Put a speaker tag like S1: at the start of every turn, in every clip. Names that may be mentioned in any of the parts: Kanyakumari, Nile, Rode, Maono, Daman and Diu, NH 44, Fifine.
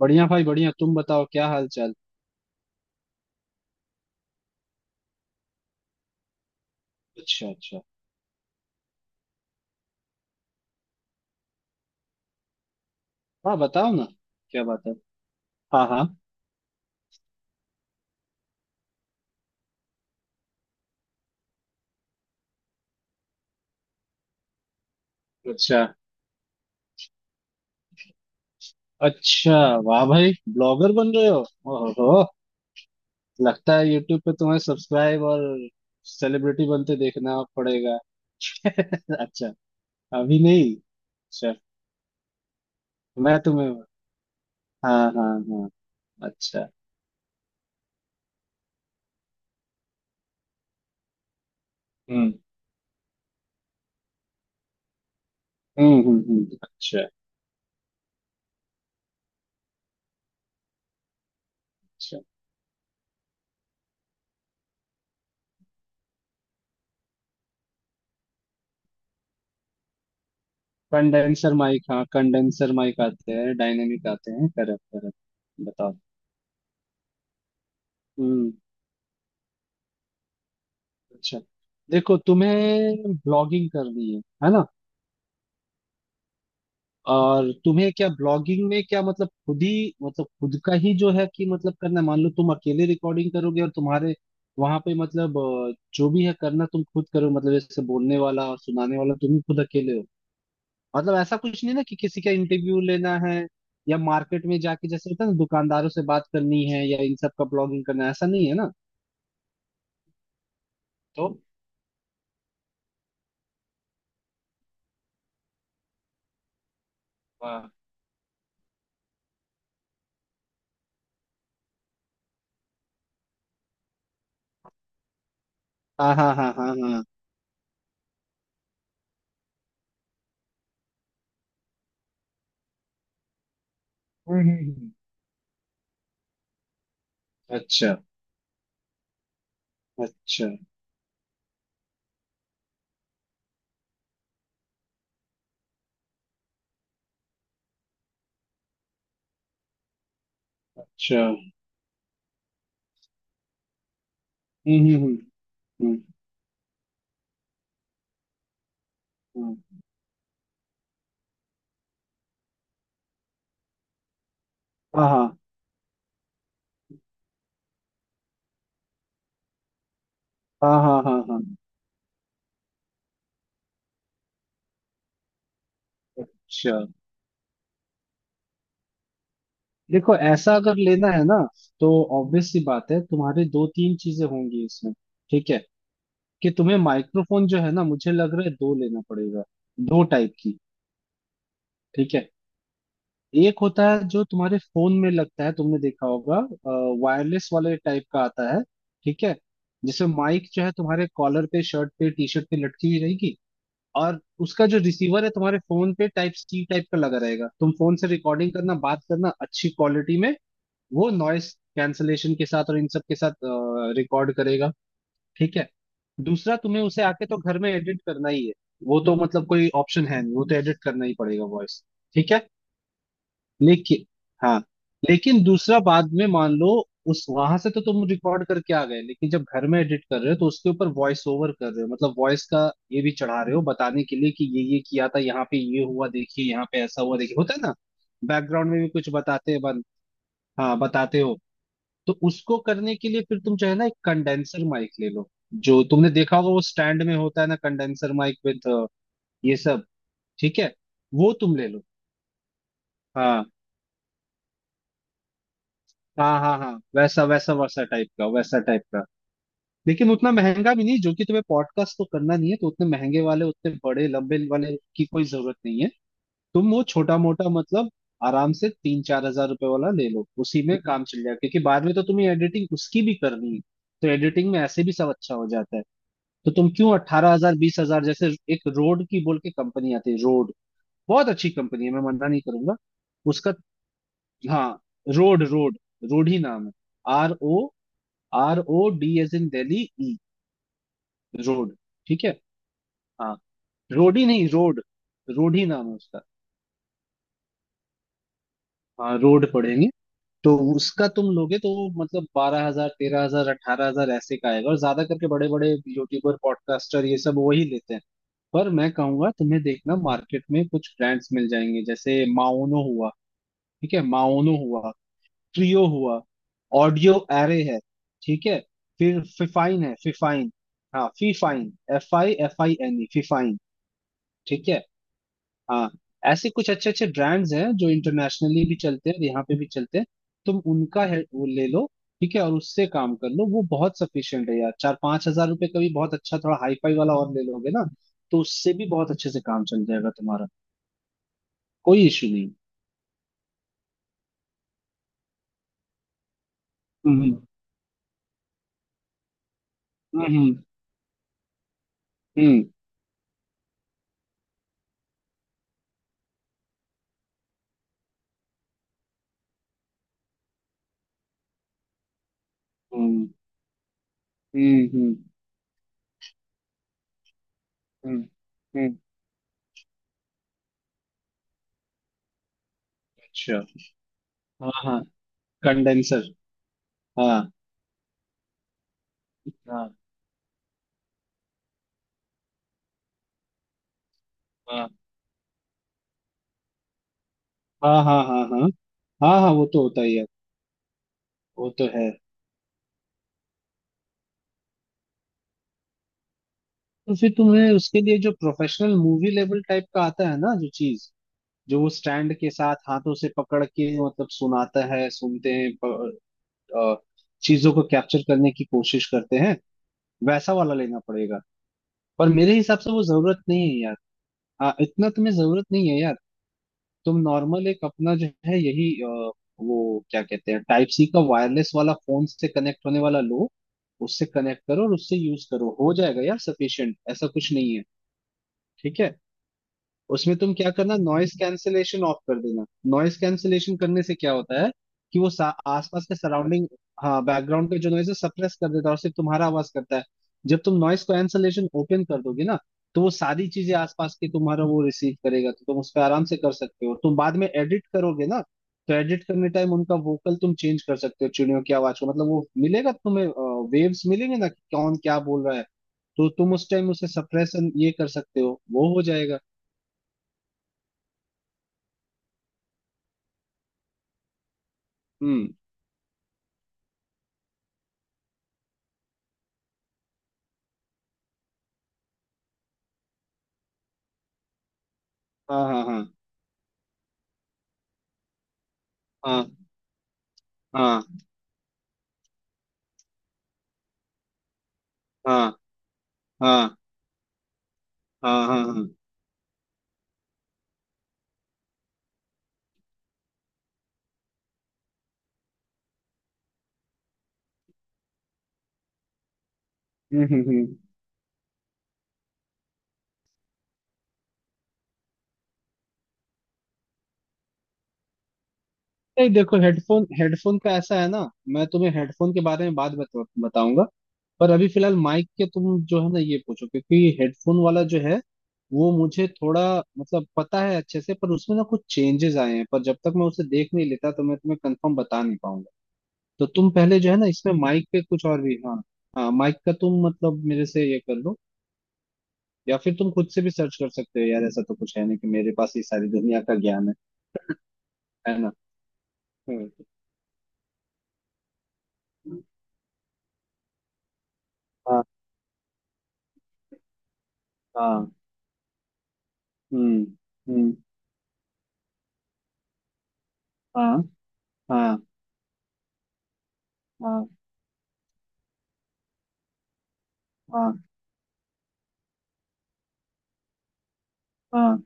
S1: बढ़िया भाई बढ़िया। तुम बताओ क्या हाल चाल। अच्छा अच्छा। हाँ बताओ ना, क्या बात है। हाँ हाँ। अच्छा अच्छा। वाह भाई, ब्लॉगर बन रहे हो? ओहो, लगता है यूट्यूब पे तुम्हें सब्सक्राइब और सेलिब्रिटी बनते देखना पड़ेगा। अच्छा। अभी नहीं, अच्छा। मैं तुम्हें, हाँ हाँ हाँ। अच्छा। हम्म अच्छा। अच्छा। कंडेंसर माइक, हाँ कंडेंसर माइक आते हैं, डायनेमिक आते हैं, करेक्ट करेक्ट। बताओ। हम्म, अच्छा। देखो, तुम्हें ब्लॉगिंग करनी है ना? और तुम्हें क्या ब्लॉगिंग में क्या मतलब खुद ही मतलब खुद का ही जो है कि मतलब करना है? मान लो तुम अकेले रिकॉर्डिंग करोगे और तुम्हारे वहां पे मतलब जो भी है करना तुम खुद करो, मतलब जैसे बोलने वाला और सुनाने वाला तुम ही खुद अकेले हो। मतलब ऐसा कुछ नहीं ना कि किसी का इंटरव्यू लेना है या मार्केट में जाके जैसे होता है ना दुकानदारों से बात करनी है या इन सब का ब्लॉगिंग करना है, ऐसा नहीं है ना। तो हाँ हाँ हाँ हाँ हाँ हाँ। हम्म हम्म, हम्म। अच्छा। अच्छा। अच्छा। हम्म हम्म हम्म, हम्म। हाँ हाँ हाँ हाँ हाँ हाँ। अच्छा। देखो ऐसा अगर लेना है ना, तो ऑब्वियस सी बात है तुम्हारे दो तीन चीजें होंगी इसमें। ठीक है। कि तुम्हें माइक्रोफोन जो है ना, मुझे लग रहा है दो लेना पड़ेगा, दो टाइप की। ठीक है। एक होता है जो तुम्हारे फोन में लगता है, तुमने देखा होगा, वायरलेस वाले टाइप का आता है। ठीक है। जिसमें माइक जो है तुम्हारे कॉलर पे, शर्ट पे, टी शर्ट पे लटकी हुई रहेगी। और उसका जो रिसीवर है तुम्हारे फोन पे टाइप सी टाइप का लगा रहेगा। तुम फोन से रिकॉर्डिंग करना, बात करना अच्छी क्वालिटी में। वो नॉइस कैंसलेशन के साथ और इन सब के साथ रिकॉर्ड करेगा। ठीक है। दूसरा, तुम्हें उसे आके तो घर में एडिट करना ही है। वो तो मतलब कोई ऑप्शन है नहीं, वो तो एडिट करना ही पड़ेगा, वॉइस। ठीक है। लेकिन, हाँ, लेकिन दूसरा बाद में मान लो उस वहां से तो तुम रिकॉर्ड करके आ गए, लेकिन जब घर में एडिट कर रहे हो तो उसके ऊपर वॉइस ओवर कर रहे हो, मतलब वॉइस का ये भी चढ़ा रहे हो बताने के लिए कि ये किया था, यहाँ पे ये हुआ देखिए, यहाँ पे ऐसा हुआ देखिए, होता है ना। बैकग्राउंड में भी कुछ बताते हैं बन, हाँ बताते हो। तो उसको करने के लिए फिर तुम चाहे ना एक कंडेंसर माइक ले लो। जो तुमने देखा होगा वो स्टैंड में होता है ना, कंडेंसर माइक विद ये सब। ठीक है। वो तुम ले लो। हाँ हाँ हाँ हाँ, वैसा वैसा वैसा टाइप का, वैसा टाइप का। लेकिन उतना महंगा भी नहीं, जो कि तुम्हें पॉडकास्ट तो करना नहीं है, तो उतने महंगे वाले, उतने बड़े लंबे वाले की कोई जरूरत नहीं है। तुम वो छोटा मोटा मतलब आराम से तीन चार हजार रुपए वाला ले लो, उसी में काम चल जाएगा, क्योंकि बाद में तो तुम्हें एडिटिंग उसकी भी करनी है। तो एडिटिंग में ऐसे भी सब अच्छा हो जाता है। तो तुम क्यों अट्ठारह हजार बीस हजार जैसे। एक रोड की बोल के कंपनी आती है, रोड। बहुत अच्छी कंपनी है, मैं मना नहीं करूंगा। उसका, हाँ, रोड रोड। रोड ही नाम है। R O, R O D as in Delhi, E. Rode. ठीक है। हाँ। रोड ही नहीं, रोड। रोड ही नाम है उसका। हाँ रोड पढ़ेंगे। तो उसका तुम लोगे तो वो मतलब बारह हजार, तेरह हजार, अठारह हजार ऐसे का आएगा, और ज्यादा करके बड़े बड़े यूट्यूबर, पॉडकास्टर, ये सब वही लेते हैं। पर मैं कहूंगा तुम्हें देखना मार्केट में, कुछ ब्रांड्स मिल जाएंगे जैसे माओनो हुआ। ठीक है। माओनो हुआ, ट्रियो हुआ, ऑडियो एरे है। ठीक है। फिर फिफाइन है, फिफाइन। हाँ Fifine, F I N E, Fifine. ठीक है। हाँ। ऐसे कुछ अच्छे अच्छे ब्रांड्स हैं जो इंटरनेशनली भी चलते हैं और यहाँ पे भी चलते हैं। तुम उनका है वो ले लो। ठीक है। और उससे काम कर लो, वो बहुत सफिशियंट है यार। चार पांच हजार रुपये का भी बहुत अच्छा, थोड़ा हाई फाई वाला और ले लोगे ना, तो उससे भी बहुत अच्छे से काम चल जाएगा तुम्हारा। कोई इशू नहीं। हम्म हम्म हम्म, हम्म हम्म हम्म हम्म हम्म, हम्म, अच्छा। हाँ हाँ, कंडेंसर, हाँ हाँ हाँ। हाँ हाँ हाँ। हाँ हाँ, हाँ वो तो होता ही है, वो तो है। तो फिर तुम्हें उसके लिए जो प्रोफेशनल मूवी लेवल टाइप का आता है ना, जो चीज जो वो स्टैंड के साथ हाथों से पकड़ के मतलब सुनाता है, सुनते हैं, अ, चीजों को कैप्चर करने की कोशिश करते हैं, वैसा वाला लेना पड़ेगा। पर मेरे हिसाब से वो जरूरत नहीं है यार। हाँ, इतना तुम्हें जरूरत नहीं है यार। तुम नॉर्मल एक अपना जो है यही वो क्या कहते हैं, टाइप सी का वायरलेस वाला, फोन से कनेक्ट होने वाला लो। उससे कनेक्ट करो और उससे यूज करो, हो जाएगा यार, सफिशिएंट। ऐसा कुछ नहीं है। ठीक है। उसमें तुम क्या करना, नॉइस कैंसलेशन ऑफ कर देना। नॉइस कैंसलेशन करने से क्या होता है कि वो आसपास का सराउंडिंग, हाँ बैकग्राउंड का जो नॉइज है सप्रेस कर देता है और सिर्फ तुम्हारा आवाज करता है। जब तुम नॉइस कैंसलेशन ओपन कर दोगे ना, तो वो सारी चीजें आसपास की तुम्हारा वो रिसीव करेगा, तो तुम उस पर आराम से कर सकते हो, तुम बाद में एडिट करोगे ना। तो एडिट करने टाइम उनका वोकल तुम चेंज कर सकते हो, चिड़ियों की आवाज को, मतलब वो मिलेगा तुम्हें, वेव्स मिलेंगे ना कि कौन क्या बोल रहा है। तो तुम उस टाइम उसे सप्रेस ये कर सकते हो, वो हो जाएगा। हम्म। हाँ हाँ हाँ हाँ हाँ हाँ हाँ हाँ हाँ हाँ। हम्म हम्म हम्म। नहीं देखो, हेडफोन हेडफोन का ऐसा है ना, मैं तुम्हें हेडफोन के बारे में बाद बताऊंगा। पर अभी फिलहाल माइक के तुम जो है ना ये पूछो, क्योंकि हेडफोन वाला जो है वो मुझे थोड़ा मतलब पता है अच्छे से, पर उसमें ना कुछ चेंजेस आए हैं, पर जब तक मैं उसे देख नहीं लेता तो मैं तुम्हें कंफर्म बता नहीं पाऊंगा। तो तुम पहले जो है ना इसमें माइक पे कुछ और भी, हाँ। हाँ माइक का तुम मतलब मेरे से ये कर लो, या फिर तुम खुद से भी सर्च कर सकते हो यार, ऐसा तो कुछ है नहीं कि मेरे पास ये सारी दुनिया का ज्ञान है ना। हम्म। हाँ हाँ। हम्म हम्म। हाँ हाँ हाँ हाँ हाँ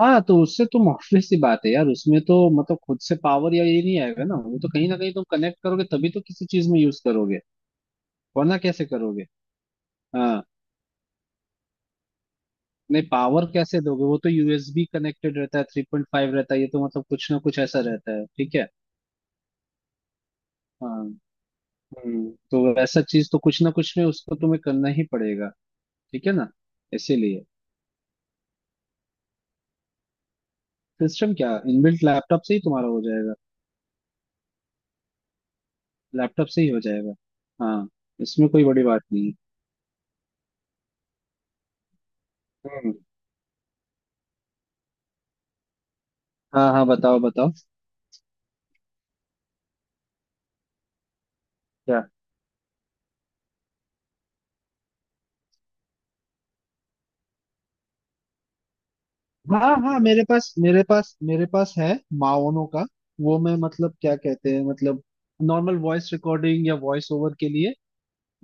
S1: हाँ। तो उससे तो ऑब्वियस सी बात है यार, उसमें तो मतलब खुद से पावर या ये नहीं आएगा ना, वो तो कहीं ना कहीं तुम कनेक्ट करोगे तभी तो किसी चीज में यूज करोगे, वरना कैसे करोगे। हाँ। नहीं पावर कैसे दोगे, वो तो यूएसबी कनेक्टेड रहता है, थ्री पॉइंट फाइव रहता है, ये तो मतलब कुछ ना कुछ ऐसा रहता है। ठीक है। हाँ। हम्म, तो ऐसा चीज तो कुछ ना कुछ में उसको तुम्हें करना ही पड़ेगा। ठीक है ना। इसीलिए। सिस्टम क्या, इनबिल्ट लैपटॉप से ही तुम्हारा हो जाएगा। लैपटॉप से ही हो जाएगा। हाँ, इसमें कोई बड़ी बात नहीं है। हम्म। हाँ हाँ बताओ बताओ। क्या? हाँ हाँ, मेरे पास है, माओनो का। वो मैं मतलब क्या कहते हैं, मतलब नॉर्मल वॉइस रिकॉर्डिंग या वॉइस ओवर के लिए,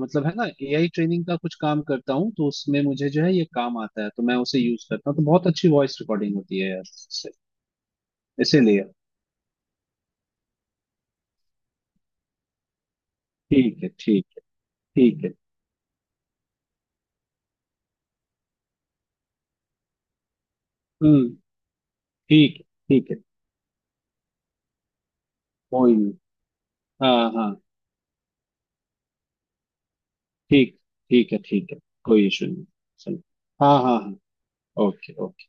S1: मतलब है ना एआई ट्रेनिंग का कुछ काम करता हूँ, तो उसमें मुझे जो है ये काम आता है, तो मैं उसे यूज करता हूँ, तो बहुत अच्छी वॉइस रिकॉर्डिंग होती है यार। इसीलिए। ठीक है ठीक है। ठीक है। हम्म। ठीक है ठीक है। कोई नहीं। हाँ हाँ। ठीक, ठीक है ठीक है। कोई इशू नहीं। चलो। हाँ हाँ हाँ। Okay okay.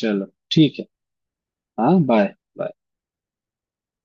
S1: चलो ठीक है। हाँ बाय बाय।